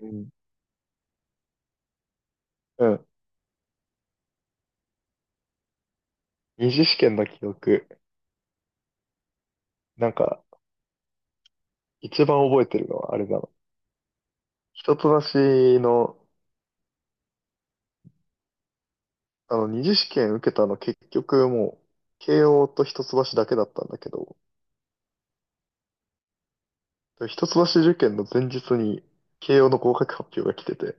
うん。うん。二次試験の記憶。なんか、一番覚えてるのはあれだな。一橋の、二次試験受けたの結局もう、慶応と一橋だけだったんだけど、一橋受験の前日に慶応の合格発表が来てて、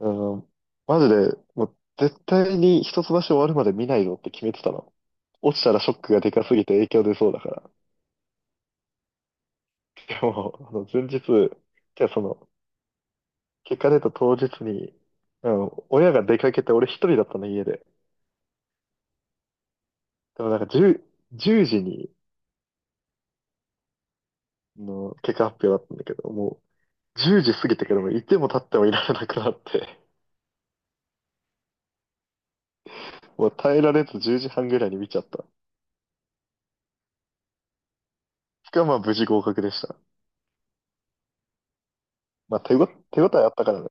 うん、マジで、もう絶対に一橋終わるまで見ないぞって決めてたの。落ちたらショックがでかすぎて影響出そうだから。でも、前日、じゃあ結果出た当日に、うん、親が出かけて俺一人だったの家で。でもなんか10、時にの結果発表だったんだけど、もう10時過ぎてからもういても立ってもいられなくなって、もう耐えられず10時半ぐらいに見ちゃった。しかもまあ無事合格でした。まあ手応えあったからね。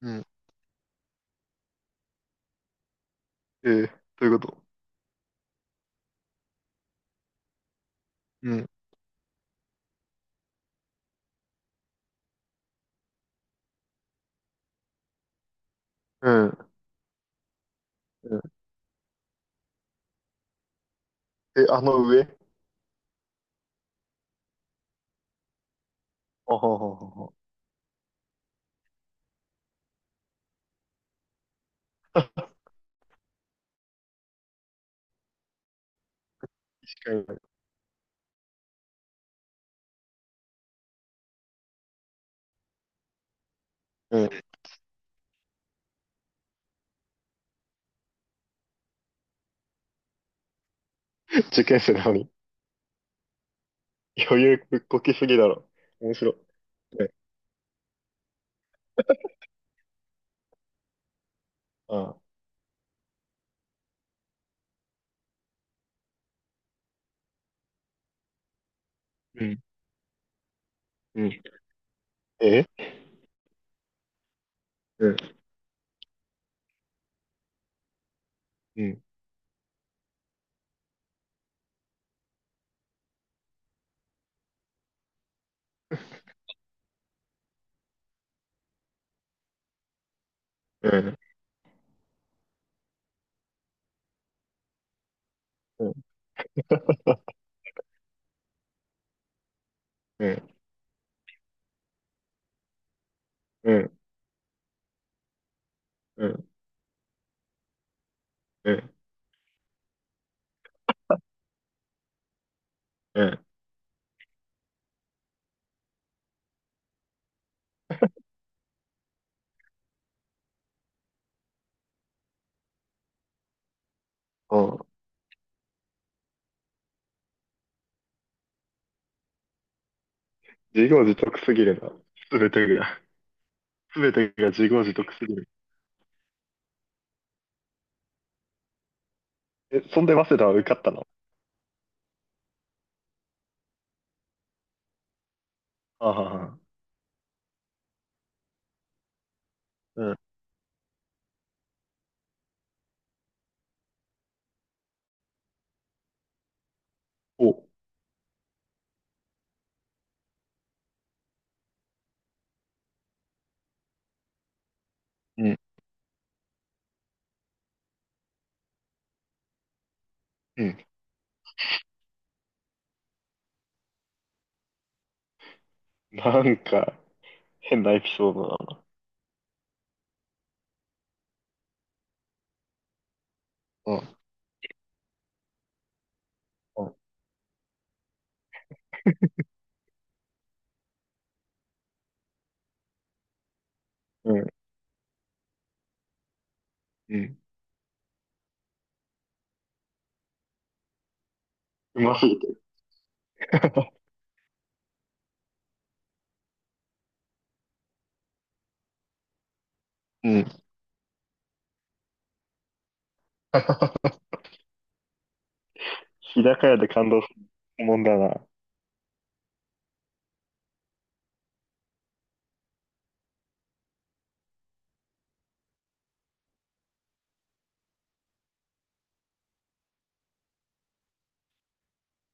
うん。ええ、どういうこと？うん。うん。うん。え、あの上？あははははは。確かに。うん。受験生なのに。余裕ぶっこきすぎだろ。面白い。ね。ああ。うん。うん。え、うん、うん、うん、うん、うん、うん、うん、うん、うん。ああ、自業自得すぎるな。すべてが、すべてが自業自得すぎる。え、そんで早稲田は受かったの？ああ、はは。うん。お、うん、うん。なんか、変なエピソードだな。うん、うん、うん。うますぎて。うん。日高屋で感動するもんだな。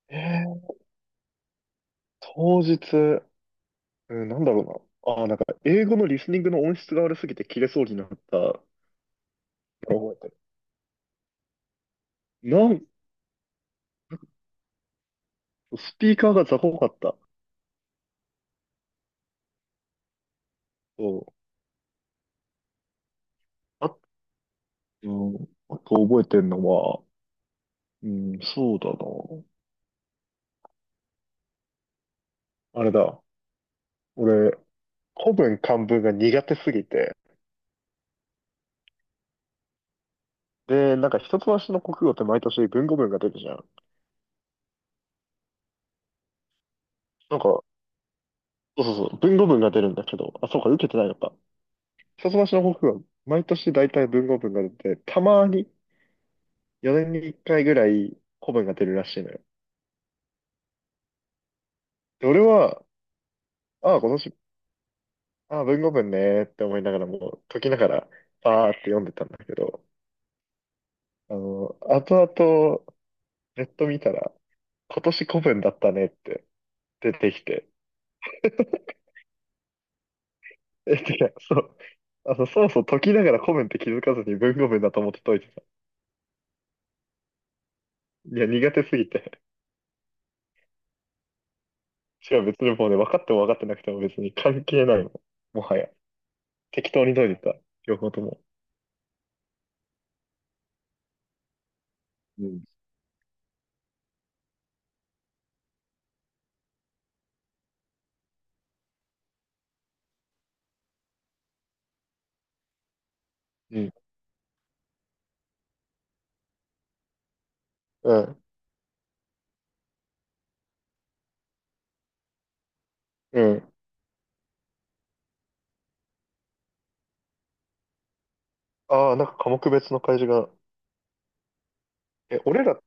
えー、当日、うん、なんだろうな。ああ、なんか、英語のリスニングの音質が悪すぎて切れそうになった覚えてる。なんスピーカーが雑魚かった。そう、あ、うん。あと覚えてんのは、うん、そうだな。あれだ。俺、古文漢文が苦手すぎて。で、なんか一橋の国語って毎年文語文が出るじゃん。なんか、そうそうそう、文語文が出るんだけど、あ、そうか、受けてないのか。一橋の国語は毎年大体文語文が出て、たまに4年に1回ぐらい古文が出るらしいのよ。で、俺は、ああ、今年、ああ、文語文ねーって思いながらもう解きながら、パーって読んでたんだけど、後々、ネット見たら、今年古文だったねって出てきて、え、てか、そう、そもそも解きながら古文って気づかずに文語文だと思って解いてた。いや、苦手すぎて。しかも別にもうね、分かっても分かってなくても別に関係ないもん。もはや。適当に解いてた。両方とも。うん。うん。うん。うん。ああ、なんか科目別の開示が。え、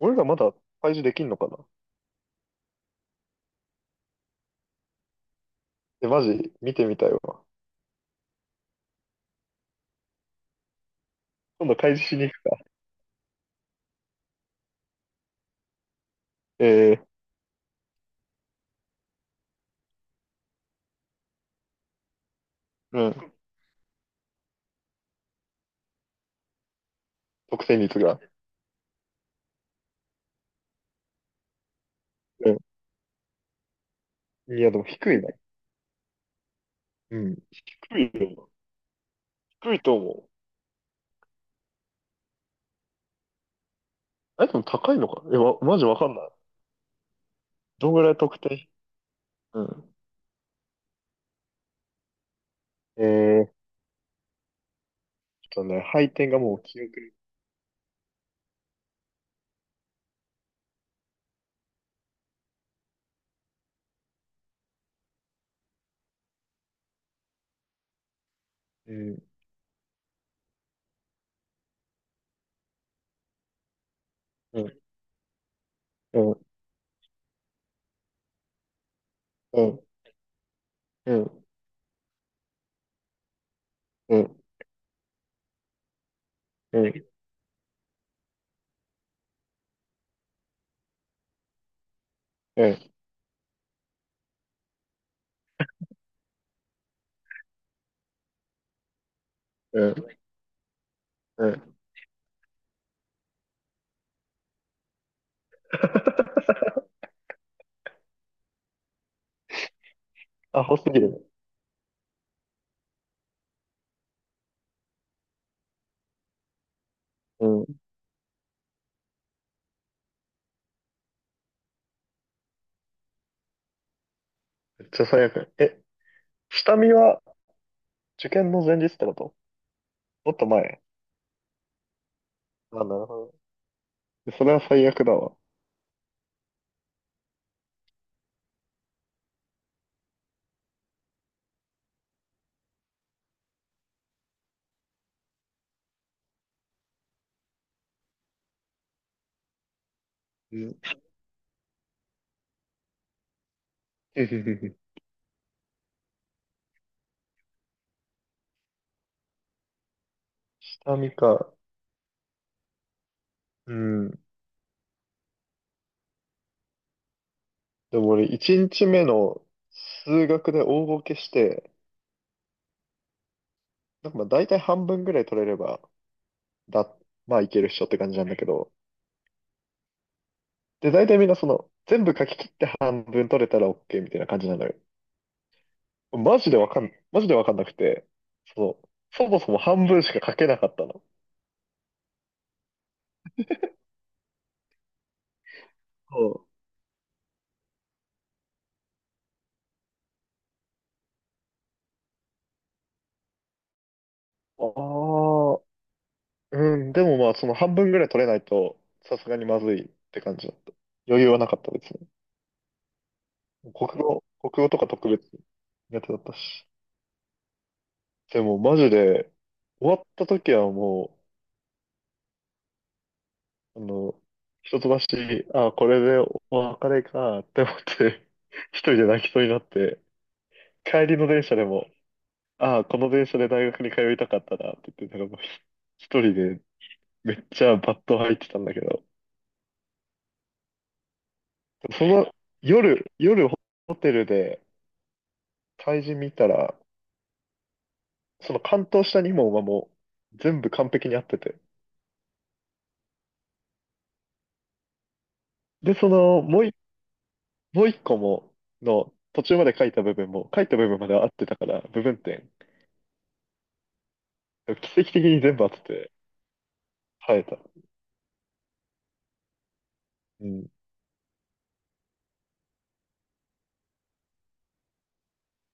俺らまだ開示できんのかな？え、マジ見てみたいわ。今度開示しに行くか。えー、うん。得点率が。うん、いや、でも低いね。うん。低いよ。低いと思う。あれでも高いのかな？え、わ、マジわかんない。どんぐらい得点？うん。えちょっとね、配点がもう記憶に。うん、うん、うん、うん、うん、うん、うん、うん、うん。うん。 アホすぎるね。うん。めっちゃ最悪。え、下見は受験の前日ってこと？もっと前。あ、なるほど。それは最悪だわ。うん。下見か。うん。でも俺、1日目の数学で大ボケして、なんかまあ大体半分ぐらい取れれば、だ、まあいけるっしょって感じなんだけど、で、大体みんな全部書き切って半分取れたら OK みたいな感じなのよ。マジでわかんなくて、そう、そもそも半分しか書けなかったの。そう、ああ、うん、でもまあその半分ぐらい取れないと、さすがにまずいって感じだった。余裕はなかった、別に。国語とか特別苦手だったし。でもマジで、終わった時はもう、一橋、あ、これでお別れかって思って、一人で泣きそうになって、帰りの電車でも、あ、この電車で大学に通いたかったなって言って、なんかもう一人でめっちゃバット入ってたんだけど、その夜ホテルで対人見たら、その関東下にも馬もう全部完璧に合ってて、で、もう一個も、の、途中まで書いた部分までは合ってたから、部分点。奇跡的に全部合ってて、生えた。うん。